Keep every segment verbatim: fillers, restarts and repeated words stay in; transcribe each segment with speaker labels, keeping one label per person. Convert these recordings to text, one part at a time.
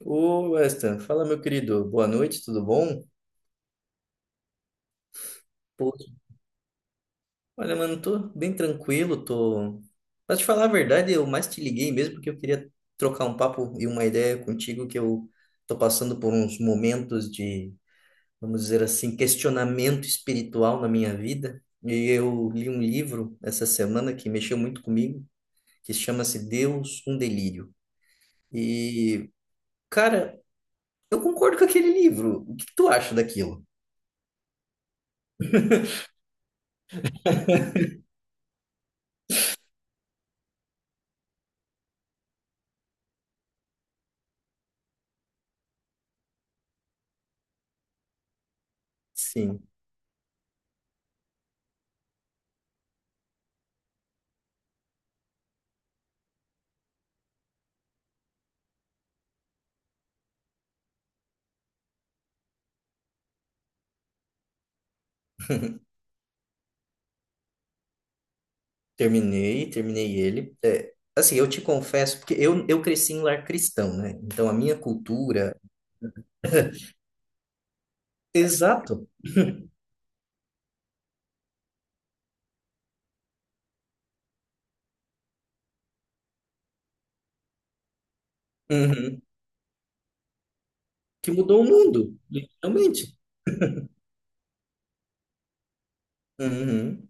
Speaker 1: Ô, Weston, fala meu querido, boa noite, tudo bom? Pô, olha, mano, tô bem tranquilo, tô. Pra te falar a verdade, eu mais te liguei mesmo porque eu queria trocar um papo e uma ideia contigo que eu tô passando por uns momentos de, vamos dizer assim, questionamento espiritual na minha vida. E eu li um livro essa semana que mexeu muito comigo, que chama-se Deus, um Delírio. E, cara, eu concordo com aquele livro. O que que tu acha daquilo? Sim. Terminei, terminei ele. É, assim, eu te confesso, porque eu, eu cresci em lar cristão, né? Então a minha cultura. Exato. Uhum. Que mudou o mundo, literalmente. Uhum.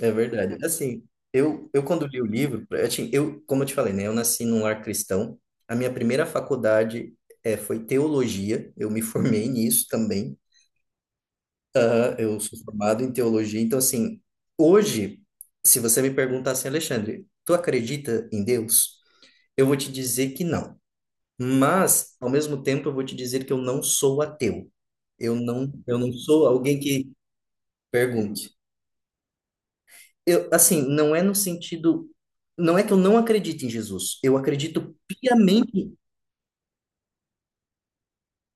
Speaker 1: É verdade. Assim, eu, eu quando li o livro, assim, eu, como eu te falei, né? Eu nasci num lar cristão. A minha primeira faculdade é, foi teologia. Eu me formei nisso também. Aham, eu sou formado em teologia. Então, assim, hoje, se você me perguntar assim, Alexandre, tu acredita em Deus? Eu vou te dizer que não. Mas, ao mesmo tempo, eu vou te dizer que eu não sou ateu. Eu não, eu não sou alguém que pergunte. Eu, assim, não é no sentido. Não é que eu não acredite em Jesus. Eu acredito piamente.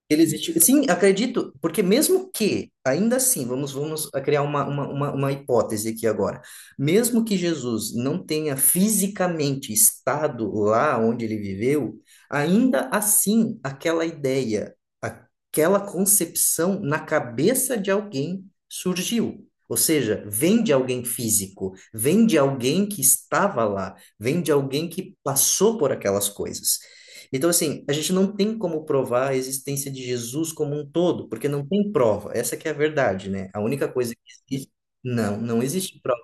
Speaker 1: Ele existe. Sim, acredito, porque mesmo que, ainda assim, vamos, vamos a criar uma, uma, uma, uma hipótese aqui agora. Mesmo que Jesus não tenha fisicamente estado lá onde ele viveu, ainda assim, aquela ideia, aquela concepção na cabeça de alguém surgiu. Ou seja, vem de alguém físico, vem de alguém que estava lá, vem de alguém que passou por aquelas coisas. Então, assim, a gente não tem como provar a existência de Jesus como um todo, porque não tem prova. Essa que é a verdade, né? A única coisa que existe, não, não existe prova.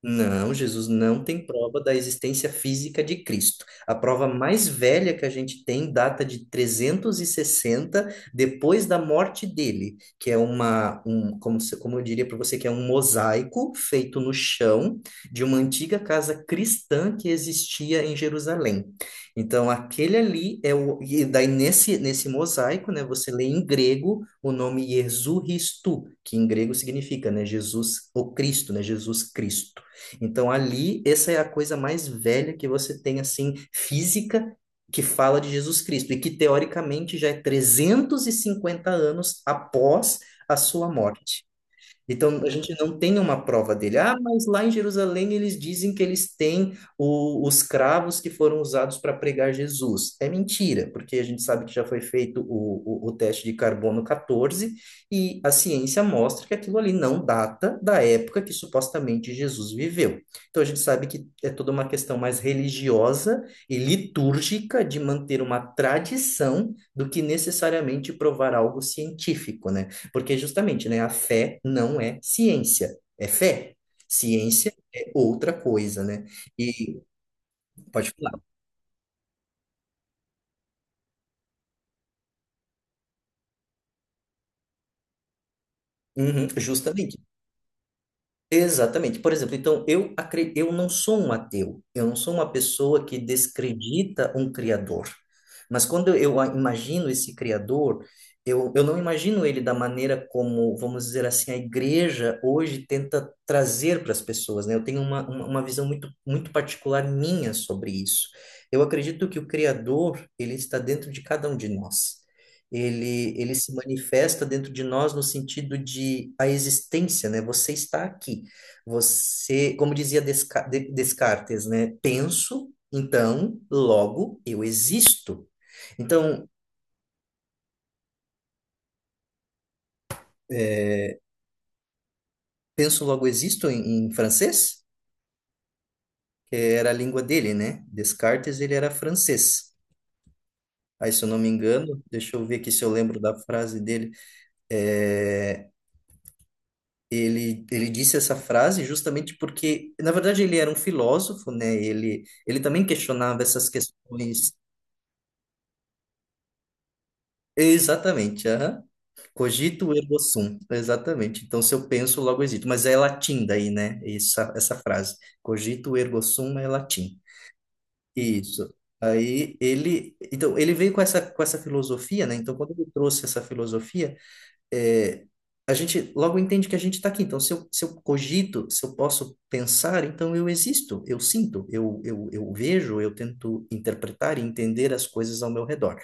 Speaker 1: Não, Jesus não tem prova da existência física de Cristo. A prova mais velha que a gente tem data de trezentos e sessenta depois da morte dele, que é uma, um, como, se- como eu diria para você, que é um mosaico feito no chão de uma antiga casa cristã que existia em Jerusalém. Então, aquele ali é o. E daí, nesse, nesse mosaico, né, você lê em grego o nome Jesus Christou, que em grego significa, né, Jesus, o Cristo, né, Jesus Cristo. Então, ali, essa é a coisa mais velha que você tem, assim, física, que fala de Jesus Cristo, e que, teoricamente, já é trezentos e cinquenta anos após a sua morte. Então, a gente não tem uma prova dele. Ah, mas lá em Jerusalém eles dizem que eles têm o- os cravos que foram usados para pregar Jesus. É mentira, porque a gente sabe que já foi feito o, o, o teste de carbono quatorze e a ciência mostra que aquilo ali não data da época que supostamente Jesus viveu. Então, a gente sabe que é toda uma questão mais religiosa e litúrgica de manter uma tradição do que necessariamente provar algo científico, né? Porque justamente, né, a fé não é ciência, é fé. Ciência é outra coisa, né? E pode falar. Uhum, justamente. Exatamente. Por exemplo, então eu, acre- eu não sou um ateu, eu não sou uma pessoa que descredita um criador. Mas quando eu a- imagino esse criador, eu, eu não imagino ele da maneira como, vamos dizer assim, a igreja hoje tenta trazer para as pessoas, né? Eu tenho uma, uma uma visão muito, muito particular minha sobre isso. Eu acredito que o criador, ele está dentro de cada um de nós. Ele, ele se manifesta dentro de nós no sentido de a existência, né? Você está aqui. Você, como dizia Desca- De- Descartes, né? Penso, então, logo eu existo. Então, é, penso, logo existo em, em francês, que era a língua dele, né? Descartes, ele era francês. Aí, se eu não me engano, deixa eu ver aqui se eu lembro da frase dele. É, ele, ele disse essa frase justamente porque, na verdade, ele era um filósofo, né? Ele, ele também questionava essas questões. Exatamente, aham. Cogito ergo sum, exatamente. Então, se eu penso, logo existo. Mas é latim daí, né? Essa, essa frase. Cogito ergo sum é latim. Isso. Aí ele, então, ele veio com essa, com essa filosofia, né? Então, quando ele trouxe essa filosofia, é, a gente logo entende que a gente está aqui. Então, se eu, se eu cogito, se eu posso pensar, então eu existo, eu sinto, eu, eu, eu vejo, eu tento interpretar e entender as coisas ao meu redor.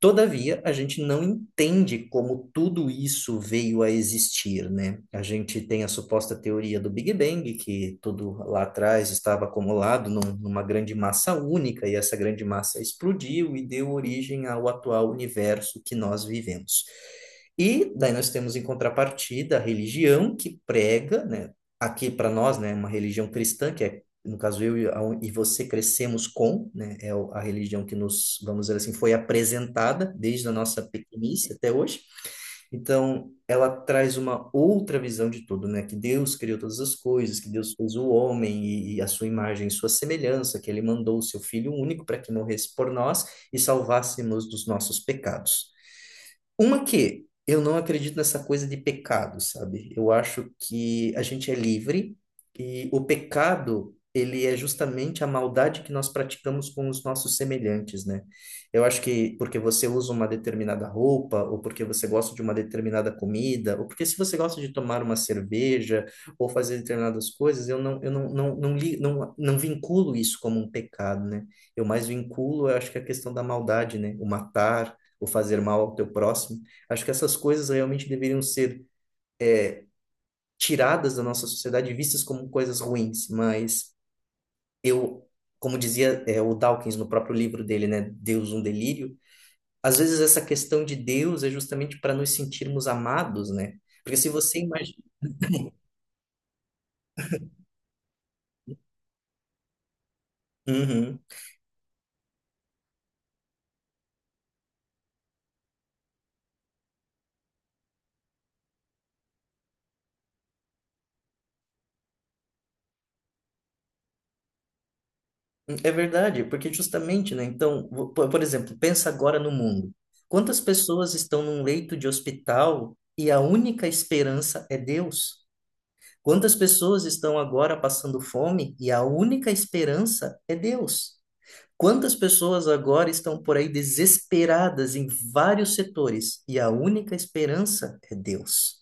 Speaker 1: Todavia, a gente não entende como tudo isso veio a existir, né? A gente tem a suposta teoria do Big Bang, que tudo lá atrás estava acumulado num- numa grande massa única, e essa grande massa explodiu e deu origem ao atual universo que nós vivemos. E daí nós temos em contrapartida a religião que prega, né? Aqui para nós, né, uma religião cristã, que é no caso eu e, a- e você crescemos com, né, é o- a religião que nos, vamos dizer assim, foi apresentada desde a nossa pequenice até hoje. Então, ela traz uma outra visão de tudo, né? Que Deus criou todas as coisas, que Deus fez o homem e, e a sua imagem e sua semelhança, que ele mandou o seu Filho único para que morresse por nós e salvássemos dos nossos pecados. Uma que eu não acredito nessa coisa de pecado, sabe? Eu acho que a gente é livre e o pecado, ele é justamente a maldade que nós praticamos com os nossos semelhantes, né? Eu acho que porque você usa uma determinada roupa, ou porque você gosta de uma determinada comida, ou porque se você gosta de tomar uma cerveja ou fazer determinadas coisas, eu não, eu não, não, não, li, não, não vinculo isso como um pecado, né? Eu mais vinculo, eu acho que a questão da maldade, né? O matar ou fazer mal ao teu próximo. Acho que essas coisas realmente deveriam ser tiradas da nossa sociedade, vistas como coisas ruins, mas eu, como dizia é, o Dawkins no próprio livro dele, né, Deus um delírio, às vezes essa questão de Deus é justamente para nos sentirmos amados, né? Porque se você imagina. Uhum. É verdade, porque justamente, né? Então, vo- por por exemplo, pensa agora no mundo. Quantas pessoas estão num leito de hospital e a única esperança é Deus? Quantas pessoas estão agora passando fome e a única esperança é Deus? Quantas pessoas agora estão por aí desesperadas em vários setores e a única esperança é Deus?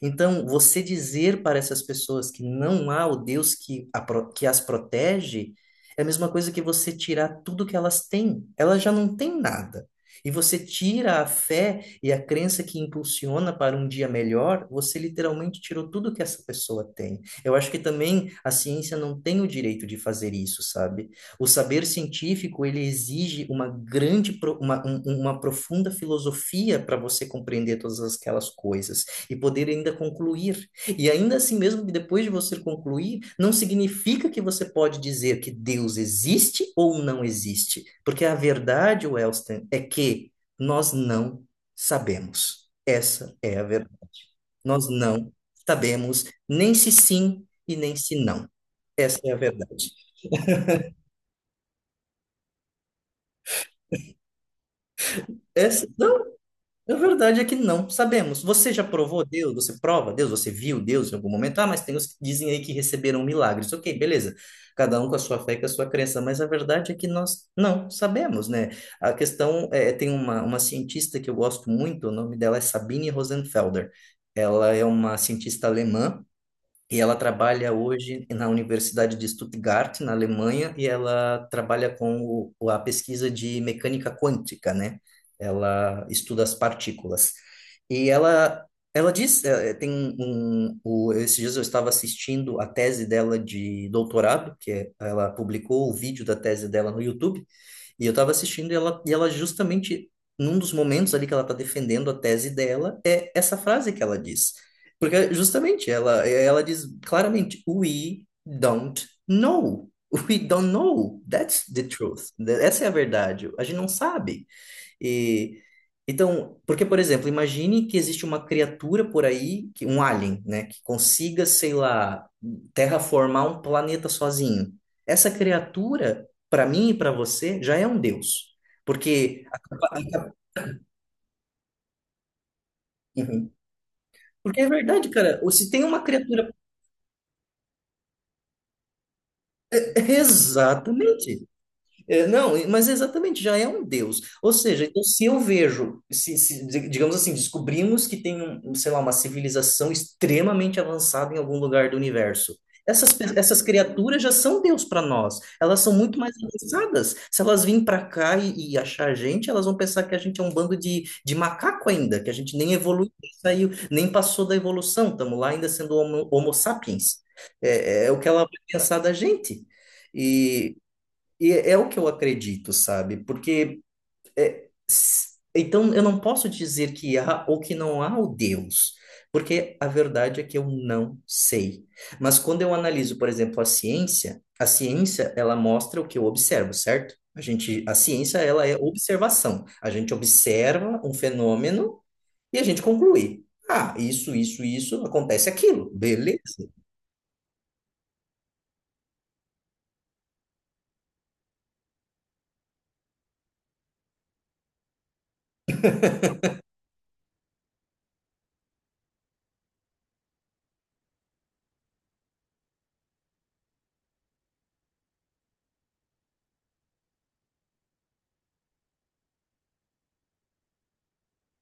Speaker 1: Então, você dizer para essas pessoas que não há o Deus que, a pro- que as protege é a mesma coisa que você tirar tudo que elas têm. Elas já não têm nada. E você tira a fé e a crença que impulsiona para um dia melhor, você literalmente tirou tudo que essa pessoa tem. Eu acho que também a ciência não tem o direito de fazer isso, sabe? O saber científico, ele exige uma grande, pro- uma, um- uma profunda filosofia para você compreender todas aquelas coisas e poder ainda concluir. E ainda assim mesmo, depois de você concluir, não significa que você pode dizer que Deus existe ou não existe, porque a verdade, Wellston, é que nós não sabemos. Essa é a verdade. Nós não sabemos nem se sim e nem se não. Essa é a verdade. Essa, não, A verdade é que não sabemos. Você já provou Deus? Você prova Deus? Você viu Deus em algum momento? Ah, mas tem os que dizem aí que receberam milagres. Ok, beleza. Cada um com a sua fé e com a sua crença. Mas a verdade é que nós não sabemos, né? A questão é, tem uma, uma cientista que eu gosto muito, o nome dela é Sabine Rosenfelder. Ela é uma cientista alemã. E ela trabalha hoje na Universidade de Stuttgart, na Alemanha, e ela trabalha com o, o- a pesquisa de mecânica quântica, né? Ela estuda as partículas. E ela, ela diz, eh, tem um, o, esses dias eu estava assistindo a tese dela de doutorado, que é- ela publicou o vídeo da tese dela no YouTube, e eu estava assistindo e ela, e ela justamente, num dos momentos ali que ela está defendendo a tese dela, é essa frase que ela diz. Porque justamente ela, ela diz claramente, we don't know. We don't know. That's the truth. Essa é a verdade. A gente não sabe. E então, porque, por exemplo, imagine que existe uma criatura por aí, que- um alien, né, que consiga, sei lá, terraformar um planeta sozinho. Essa criatura, para mim e para você, já é um deus. Porque a capa- a capa- Uhum. Porque é verdade, cara. Ou se tem uma criatura. Exatamente. É, não, mas exatamente, já é um Deus. Ou seja, então, se eu vejo, se, se, di- digamos assim, descobrimos que tem, um, um, sei lá, uma civilização extremamente avançada em algum lugar do universo. Essas, pe- essas criaturas já são Deus para nós. Elas são muito mais avançadas. Se elas virem para cá e, e achar a gente, elas vão pensar que a gente é um bando de, de macaco ainda, que a gente nem evoluiu, nem saiu, nem passou da evolução. Estamos lá ainda sendo homo, homo sapiens. É, é é o que ela vai pensar da gente. e e é o que eu acredito, sabe? Porque é, s- então eu não posso dizer que há ou que não há o Deus, porque a verdade é que eu não sei. Mas quando eu analiso, por exemplo, a ciência, a ciência, ela mostra o que eu observo, certo? A gente, a ciência ela é observação. A gente observa um fenômeno e a gente conclui. Ah, isso, isso, isso acontece aquilo, beleza?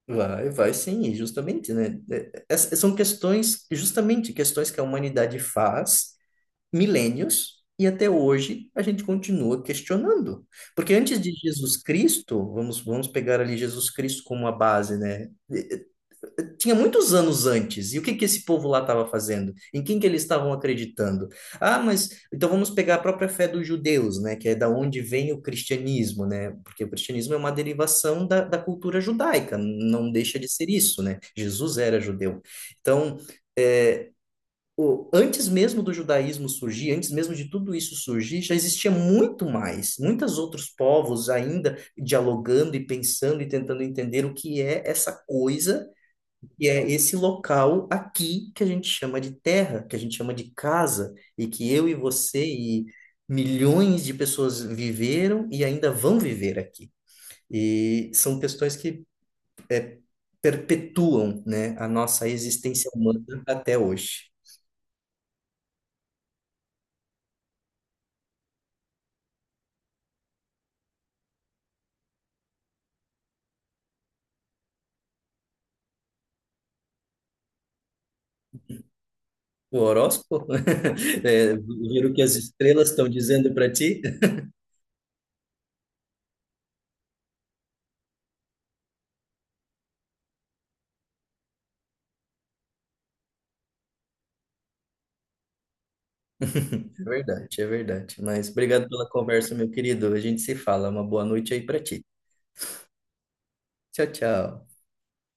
Speaker 1: Vai, vai sim, e justamente, né? é- é- é, são questões, justamente, questões que a humanidade faz milênios e até hoje a gente continua questionando. Porque antes de Jesus Cristo, vamos, vamos pegar ali Jesus Cristo como a base, né? Tinha muitos anos antes. E o que que esse povo lá estava fazendo? Em quem que eles estavam acreditando? Ah, mas então vamos pegar a própria fé dos judeus, né? Que é da onde vem o cristianismo, né? Porque o cristianismo é uma derivação da, da cultura judaica, não deixa de ser isso, né? Jesus era judeu. Então, o, antes mesmo do judaísmo surgir, antes mesmo de tudo isso surgir, já existia muito mais, muitos outros povos ainda dialogando e pensando e tentando entender o que é essa coisa e é esse local aqui que a gente chama de terra, que a gente chama de casa, e que eu e você e milhões de pessoas viveram e ainda vão viver aqui. E são questões que perpetuam, né, a nossa existência humana até hoje. O horóscopo? É, ver o que as estrelas estão dizendo para ti? É verdade, é verdade. Mas obrigado pela conversa, meu querido. A gente se fala. Uma boa noite aí para ti. Tchau, tchau.